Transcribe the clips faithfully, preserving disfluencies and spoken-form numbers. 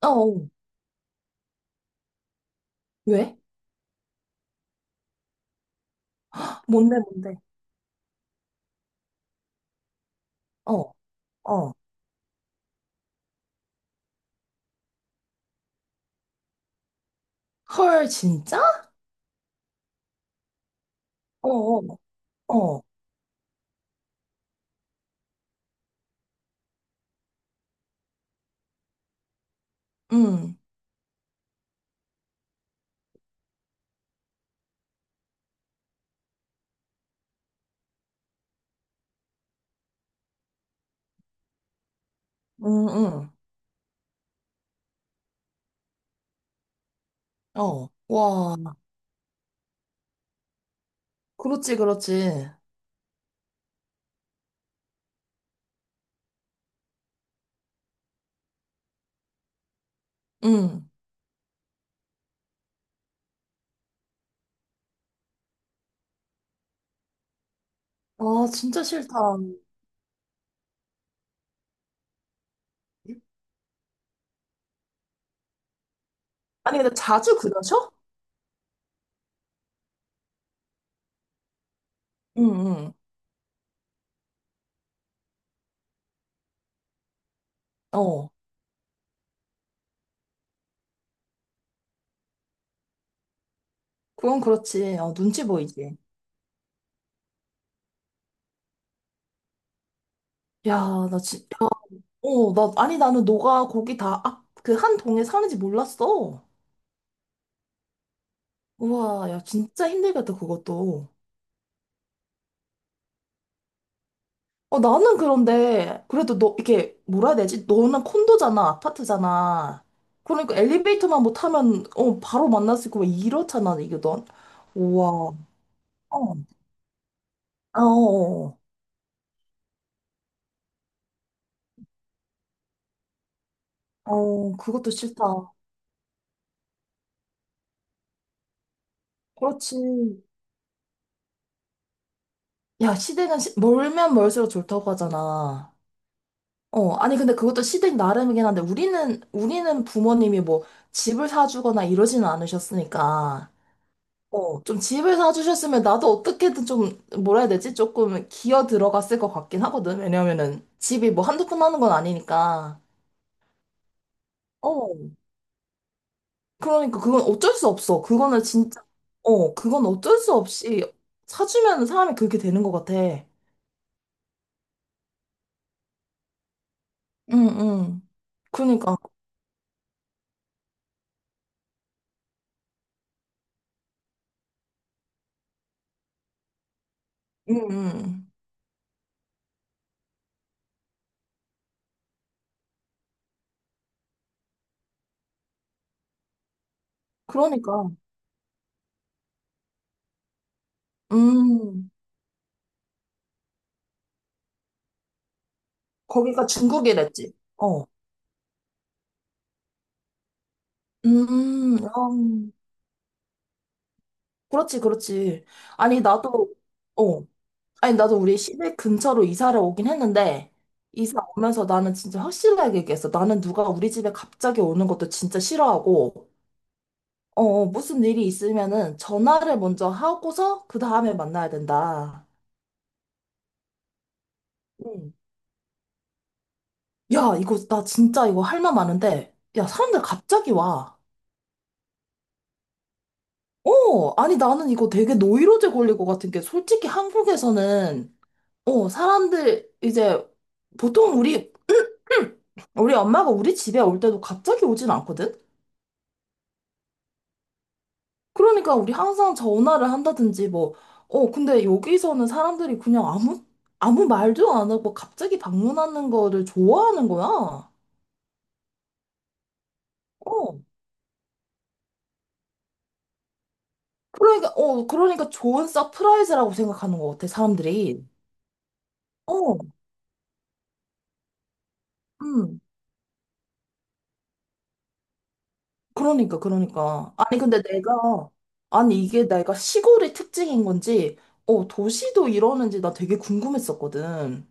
어, 어. 왜? 헉, 뭔데, 뭔데? 어, 어. 헐, 진짜? 어, 어, 어. 응, 응, 응. 어. 와, 그렇지, 그렇지. 응. 아, 진짜 싫다. 아니, 근데 자주 그러셔? 응, 응. 어. 그건 그렇지. 어, 눈치 보이지. 야, 나 진짜. 어, 나, 아니, 나는 너가 거기 다, 아, 그 한 동에 사는지 몰랐어. 우와, 야, 진짜 힘들겠다, 그것도. 어, 나는 그런데, 그래도 너, 이게, 뭐라 해야 되지? 너는 콘도잖아, 아파트잖아. 그러니까 엘리베이터만 못 타면, 어, 바로 만날 수 있고, 막 이렇잖아, 이게 넌. 우와. 어, 아, 어, 어, 어, 그것도 싫다. 그렇지. 야, 시댁은 시- 멀면 멀수록 좋다고 하잖아. 어, 아니, 근데 그것도 시댁 나름이긴 한데, 우리는, 우리는 부모님이 뭐, 집을 사주거나 이러지는 않으셨으니까. 어, 좀 집을 사주셨으면 나도 어떻게든 좀, 뭐라 해야 되지? 조금 기어 들어갔을 것 같긴 하거든. 왜냐면은 집이 뭐 한두 푼 하는 건 아니니까. 어, 그러니까 그건 어쩔 수 없어. 그거는 진짜, 어, 그건 어쩔 수 없이 사주면 사람이 그렇게 되는 것 같아. 응, 응. 그러니까, 응, 응. 그러니까, 음, 거기가 중국이랬지. 어, 음, 음, 그렇지, 그렇지. 아니, 나도, 어. 아니, 나도 우리 시댁 근처로 이사를 오긴 했는데, 이사 오면서 나는 진짜 확실하게 얘기했어. 나는 누가 우리 집에 갑자기 오는 것도 진짜 싫어하고, 어, 어, 무슨 일이 있으면은 전화를 먼저 하고서 그 다음에 만나야 된다. 응. 야, 이거, 나 진짜 이거 할 말 많은데, 야, 사람들 갑자기 와. 어, 아니, 나는 이거 되게 노이로제 걸릴 것 같은 게, 솔직히 한국에서는, 어, 사람들, 이제, 보통 우리, 우리 엄마가 우리 집에 올 때도 갑자기 오진 않거든? 그러니까 우리 항상 전화를 한다든지 뭐, 어, 근데 여기서는 사람들이 그냥 아무, 아무 말도 안 하고 갑자기 방문하는 거를 좋아하는 거야. 어, 그러니까, 어, 그러니까 좋은 서프라이즈라고 생각하는 것 같아, 사람들이. 어, 음, 그러니까, 그러니까. 아니, 근데 내가, 아니, 이게 내가 시골의 특징인 건지, 어, 도시도 이러는지 나 되게 궁금했었거든.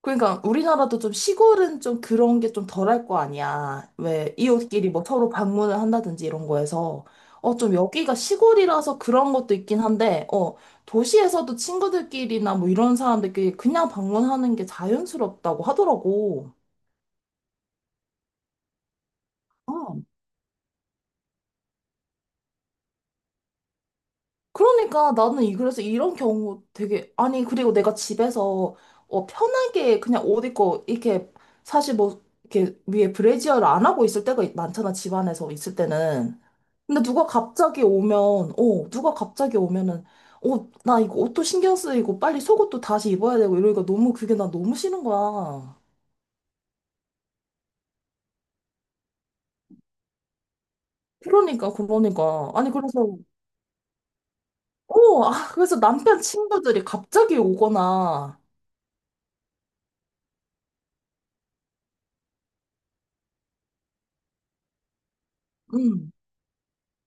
그러니까 우리나라도 좀 시골은 좀 그런 게 좀 덜할 거 아니야. 왜 이웃끼리 뭐 서로 방문을 한다든지 이런 거에서 어 좀 여기가 시골이라서 그런 것도 있긴 한데 어 도시에서도 친구들끼리나 뭐 이런 사람들끼리 그냥 방문하는 게 자연스럽다고 하더라고. 어, 그러니까 나는 이 그래서 이런 경우 되게 아니 그리고 내가 집에서 어 편하게 그냥 옷 입고 이렇게 사실 뭐 이렇게 위에 브래지어를 안 하고 있을 때가 많잖아 집안에서 있을 때는. 근데 누가 갑자기 오면, 어, 누가 갑자기 오면은, 어, 나 이거 옷도 신경 쓰이고 빨리 속옷도 다시 입어야 되고 이러니까 너무 그게 나 너무 싫은 거야. 그러니까, 그러니까. 아니, 그래서, 어, 아, 그래서 남편 친구들이 갑자기 오거나, 음.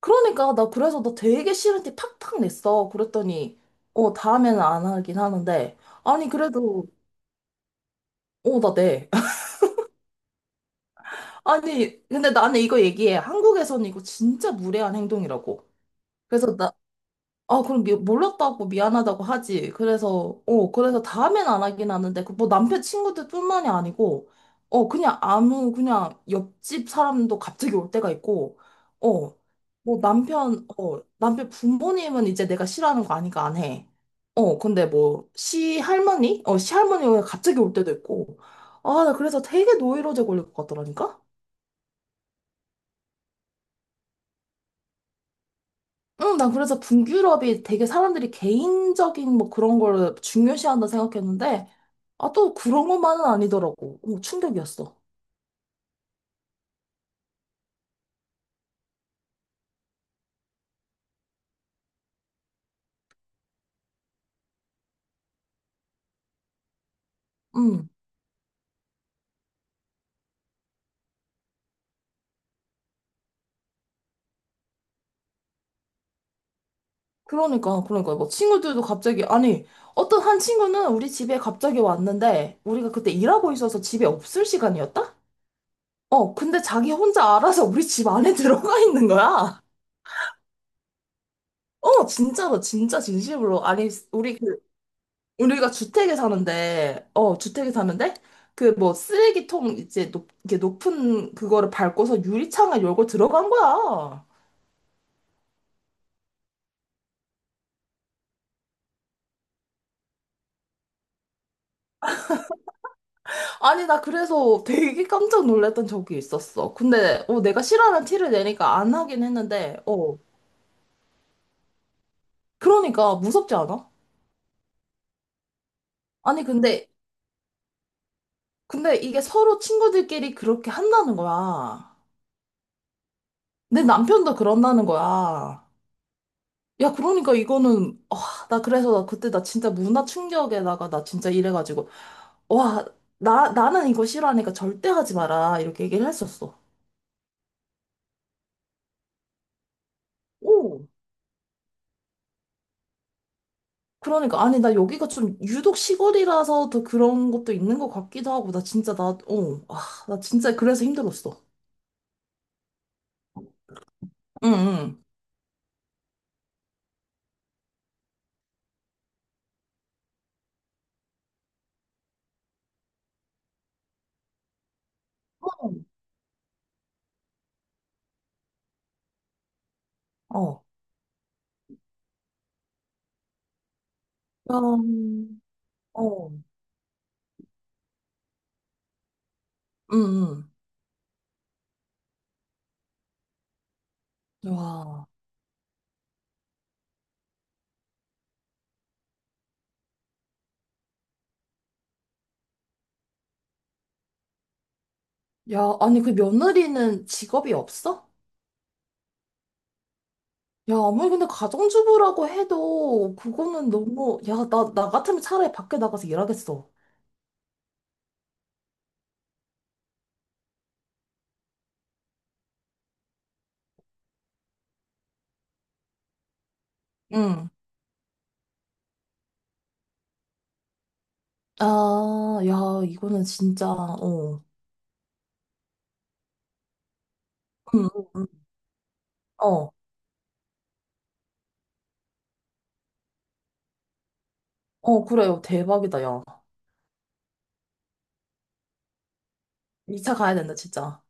그러니까 나 그래서 나 되게 싫은 티 팍팍 냈어. 그랬더니, 어, 다음에는 안 하긴 하는데, 아니, 그래도, 어, 나 내. 아니, 근데 나는 이거 얘기해. 한국에서는 이거 진짜 무례한 행동이라고. 그래서 나, 아, 그럼 미, 몰랐다고 미안하다고 하지. 그래서, 어, 그래서 다음엔 안 하긴 하는데, 그 뭐 남편 친구들뿐만이 아니고, 어, 그냥 아무, 그냥 옆집 사람도 갑자기 올 때가 있고, 어, 뭐 남편, 어, 남편 부모님은 이제 내가 싫어하는 거 아니까 안 해. 어, 근데 뭐, 시할머니? 어, 시할머니가 갑자기 올 때도 있고, 아, 나 그래서 되게 노이로제 걸릴 것 같더라니까? 응, 난 그래서 분유럽이 되게 사람들이 개인적인 뭐 그런 걸 중요시한다 생각했는데, 아, 또 그런 것만은 아니더라고. 어, 충격이었어. 응. 그러니까, 그러니까. 뭐 친구들도 갑자기, 아니, 어떤 한 친구는 우리 집에 갑자기 왔는데, 우리가 그때 일하고 있어서 집에 없을 시간이었다? 어, 근데 자기 혼자 알아서 우리 집 안에 들어가 있는 거야. 어, 진짜로, 진짜 진심으로. 아니, 우리 우리가 주택에 사는데, 어, 주택에 사는데, 그 뭐 쓰레기통 이제 높, 이게 높은 그거를 밟고서 유리창을 열고 들어간 거야. 아니, 나 그래서 되게 깜짝 놀랐던 적이 있었어. 근데, 어, 내가 싫어하는 티를 내니까 안 하긴 했는데, 어, 그러니까 무섭지 않아? 아니, 근데, 근데 이게 서로 친구들끼리 그렇게 한다는 거야. 내 남편도 그런다는 거야. 야, 그러니까 이거는, 아, 나 그래서 나 그때 나 진짜 문화 충격에다가 나 진짜 이래가지고. 와, 나, 나는 이거 싫어하니까 절대 하지 마라. 이렇게 얘기를 했었어. 오, 그러니까, 아니, 나 여기가 좀 유독 시골이라서 더 그런 것도 있는 것 같기도 하고, 나 진짜, 나, 어, 아, 나 진짜 그래서 힘들었어. 응, 응, 어. 어, 음, 어. 응, 응. 와, 야, 아니, 그 며느리는 직업이 없어? 야, 아무리 근데 가정주부라고 해도, 그거는 너무, 야, 나, 나 같으면 차라리 밖에 나가서 일하겠어. 응 아, 야, 이거는 진짜, 어. 응, 응, 응. 어, 어, 그래요. 대박이다, 야. 이차 가야 된다, 진짜.